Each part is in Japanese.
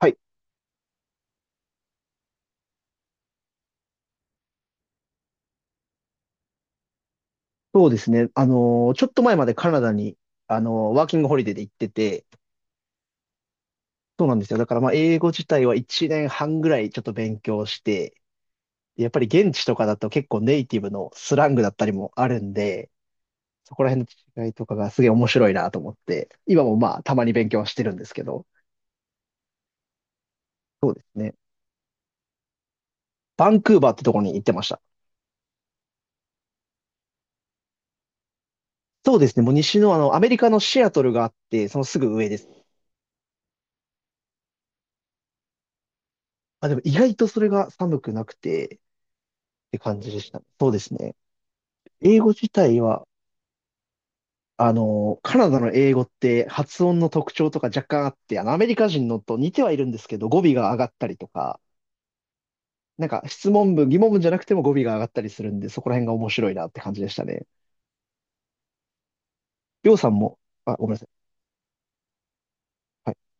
はい、そうですね。ちょっと前までカナダに、ワーキングホリデーで行ってて、そうなんですよ。だからまあ、英語自体は1年半ぐらいちょっと勉強して、やっぱり現地とかだと結構ネイティブのスラングだったりもあるんで、そこら辺の違いとかがすげえ面白いなと思って、今もまあ、たまに勉強はしてるんですけど、そうですね。バンクーバーってところに行ってました。そうですね。もう西のあの、アメリカのシアトルがあって、そのすぐ上です。あ、でも意外とそれが寒くなくてって感じでした。そうですね。英語自体は、あの、カナダの英語って発音の特徴とか若干あって、あの、アメリカ人のと似てはいるんですけど、語尾が上がったりとか、なんか質問文、疑問文じゃなくても語尾が上がったりするんで、そこら辺が面白いなって感じでしたね。りょうさんも、あ、ごめんなさい。は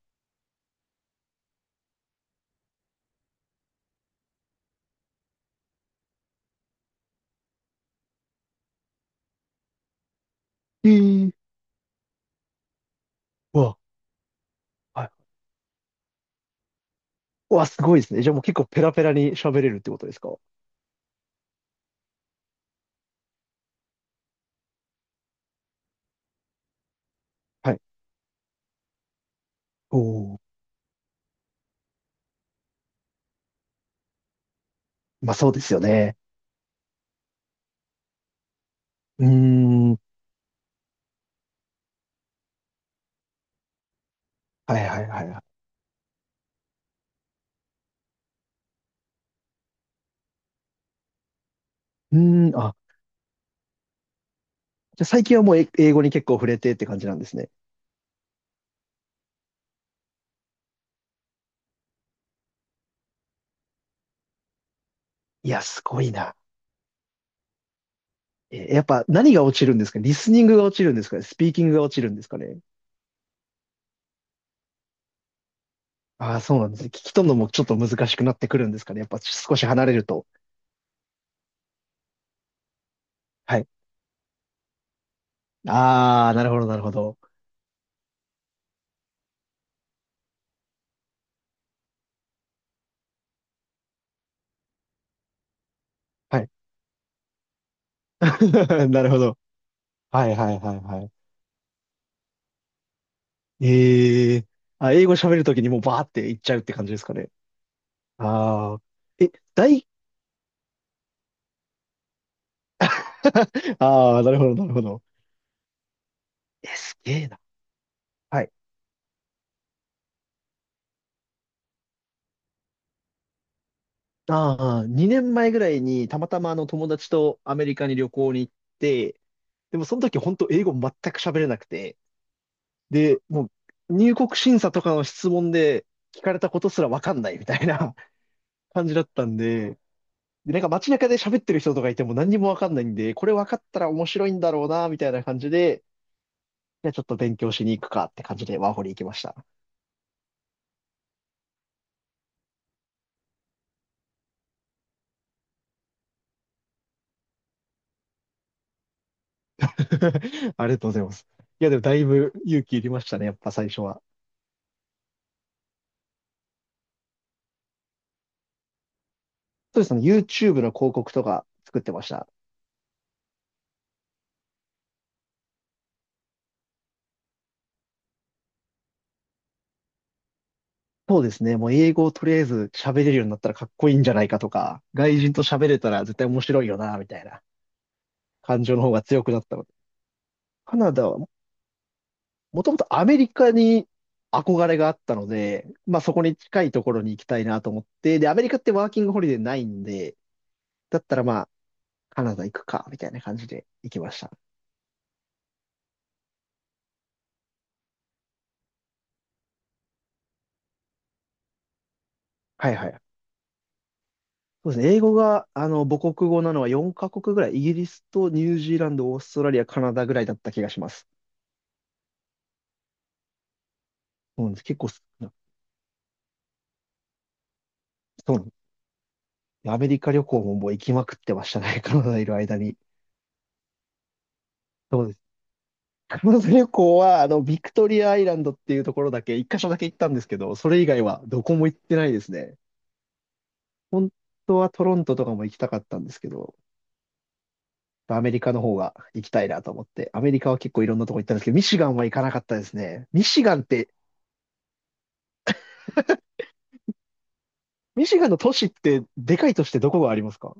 い。えー、うわ、はい。うわ、すごいですね。じゃあもう結構ペラペラに喋れるってことですか？はい。おー、まあそうですよね。うーん、はいはいはいはい。うーん、あ、じゃあ最近はもうえ英語に結構触れてって感じなんですね。いや、すごいな。え、やっぱ何が落ちるんですか？リスニングが落ちるんですかね？スピーキングが落ちるんですかね？ああ、そうなんですね。聞き取るのもちょっと難しくなってくるんですかね、やっぱ少し離れると。はい。ああ、なるほど、なるほど。はい。なるほど。はいはいはいはい。ええ、あ、英語喋るときにもうバーっていっちゃうって感じですかね。ああ。え、大、ああ、なるほど、なるほど。え、すげえな。はい。ああ、2年前ぐらいにたまたまあの友達とアメリカに旅行に行って、でもその時本当英語全く喋れなくて、で、もう入国審査とかの質問で聞かれたことすらわかんないみたいな 感じだったんで、で、街中で喋ってる人とかいても何にもわかんないんで、これわかったら面白いんだろうな、みたいな感じで、じゃあちょっと勉強しに行くかって感じでワーホリ行きました。ありがとうございます。いや、でもだいぶ勇気いりましたね、やっぱ最初は。そうですね、YouTube の広告とか作ってました。そうですね。もう英語をとりあえず喋れるようになったらかっこいいんじゃないかとか、外人と喋れたら絶対面白いよな、みたいな感情の方が強くなったので。カナダはも、もともとアメリカに憧れがあったので、まあそこに近いところに行きたいなと思って、で、アメリカってワーキングホリデーないんで、だったらまあカナダ行くか、みたいな感じで行きました。はいはい。そうですね。英語が、あの、母国語なのは4カ国ぐらい、イギリスとニュージーランド、オーストラリア、カナダぐらいだった気がします。そうなんです。結構、そうなんです。アメリカ旅行ももう行きまくってましたね、カナダいる間に。そうです。カナダ旅行は、あの、ビクトリアアイランドっていうところだけ、一箇所だけ行ったんですけど、それ以外はどこも行ってないですね。本当はトロントとかも行きたかったんですけど、アメリカの方が行きたいなと思って、アメリカは結構いろんなとこ行ったんですけど、ミシガンは行かなかったですね。ミシガンって、ミシガンの都市って、でかい都市ってどこがありますか？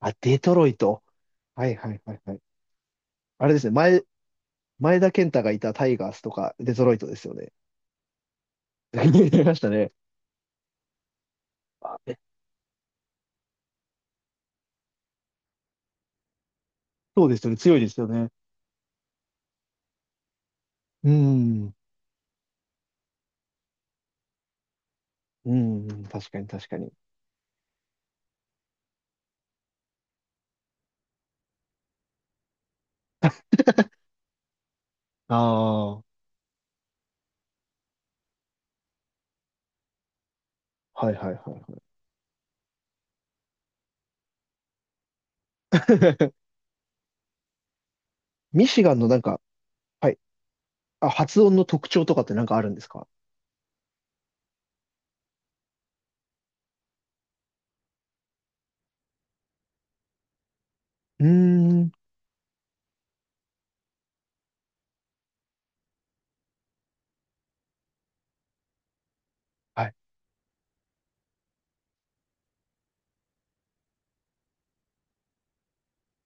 あ、デトロイト。はいはいはいはい。あれですね、前、前田健太がいたタイガースとか、デトロイトですよね。出いましたね。あ、え、そうですよね。強いですよね。うん。うん、確かに確かに。ああ。はいはいはいはい。ミシガンのなんか、はい。あ、発音の特徴とかってなんかあるんですか？うーん。はい。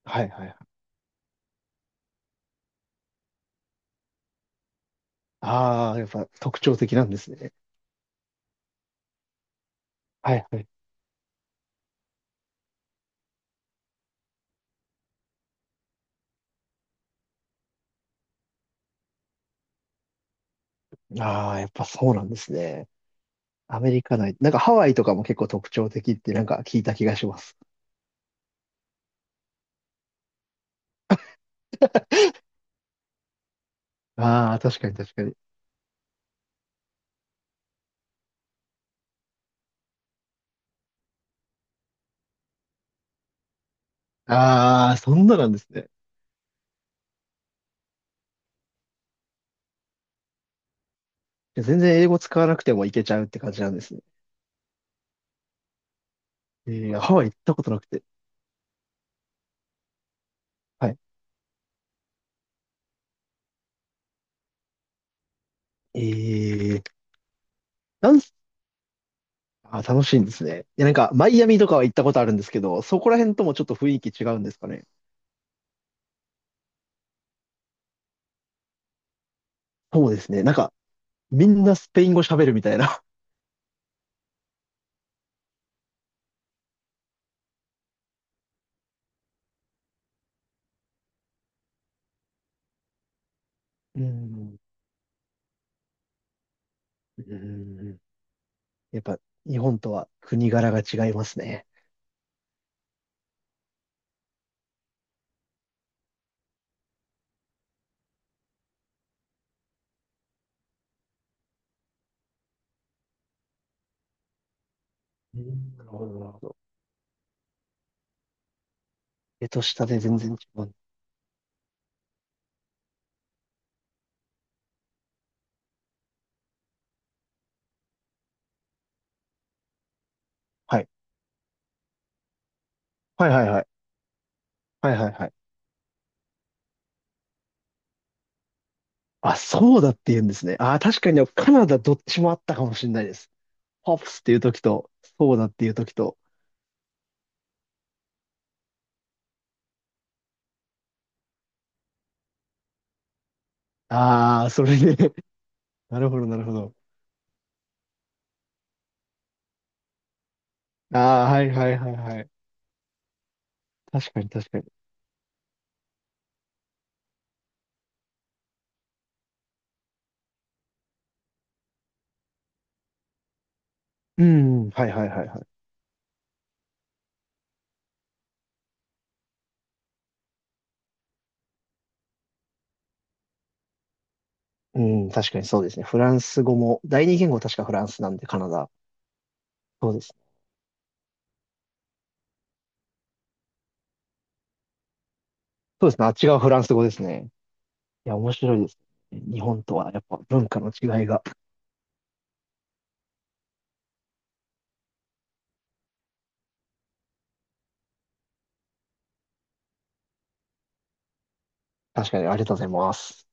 はいはいはい。ああ、やっぱ特徴的なんですね。はいはい。ああ、やっぱそうなんですね。アメリカ内。なんかハワイとかも結構特徴的ってなんか聞いた気がします。ああ、確かに確かに。ああ、そんななんですね。いや全然英語使わなくてもいけちゃうって感じなんですね。えー、ハワイ行ったことなくて。はい。えー、なんす、あ、楽しいんですね。いや、なんか、マイアミとかは行ったことあるんですけど、そこら辺ともちょっと雰囲気違うんですかね。そうですね。なんか、みんなスペイン語喋るみたいな。うん。うん、やっぱ、日本とは国柄が違いますね。うん、なるほど、なるほど。上と下で全然違う。はい。はいはいはい。はいはいはい。あ、そうだって言うんですね。あー、確かにカナダどっちもあったかもしれないです。ポップスっていう時と、そうだっていう時と。ああ、それで、なるほど、なるほど。ああ、はいはいはいはい。確かに確かに。うん、はいはいはいはい。うん、確かにそうですね。フランス語も、第二言語確かフランスなんで、カナダ。そうですね。そうですね。あっちがフランス語ですね。いや、面白いですね。日本とはやっぱ文化の違いが。確かにありがとうございます。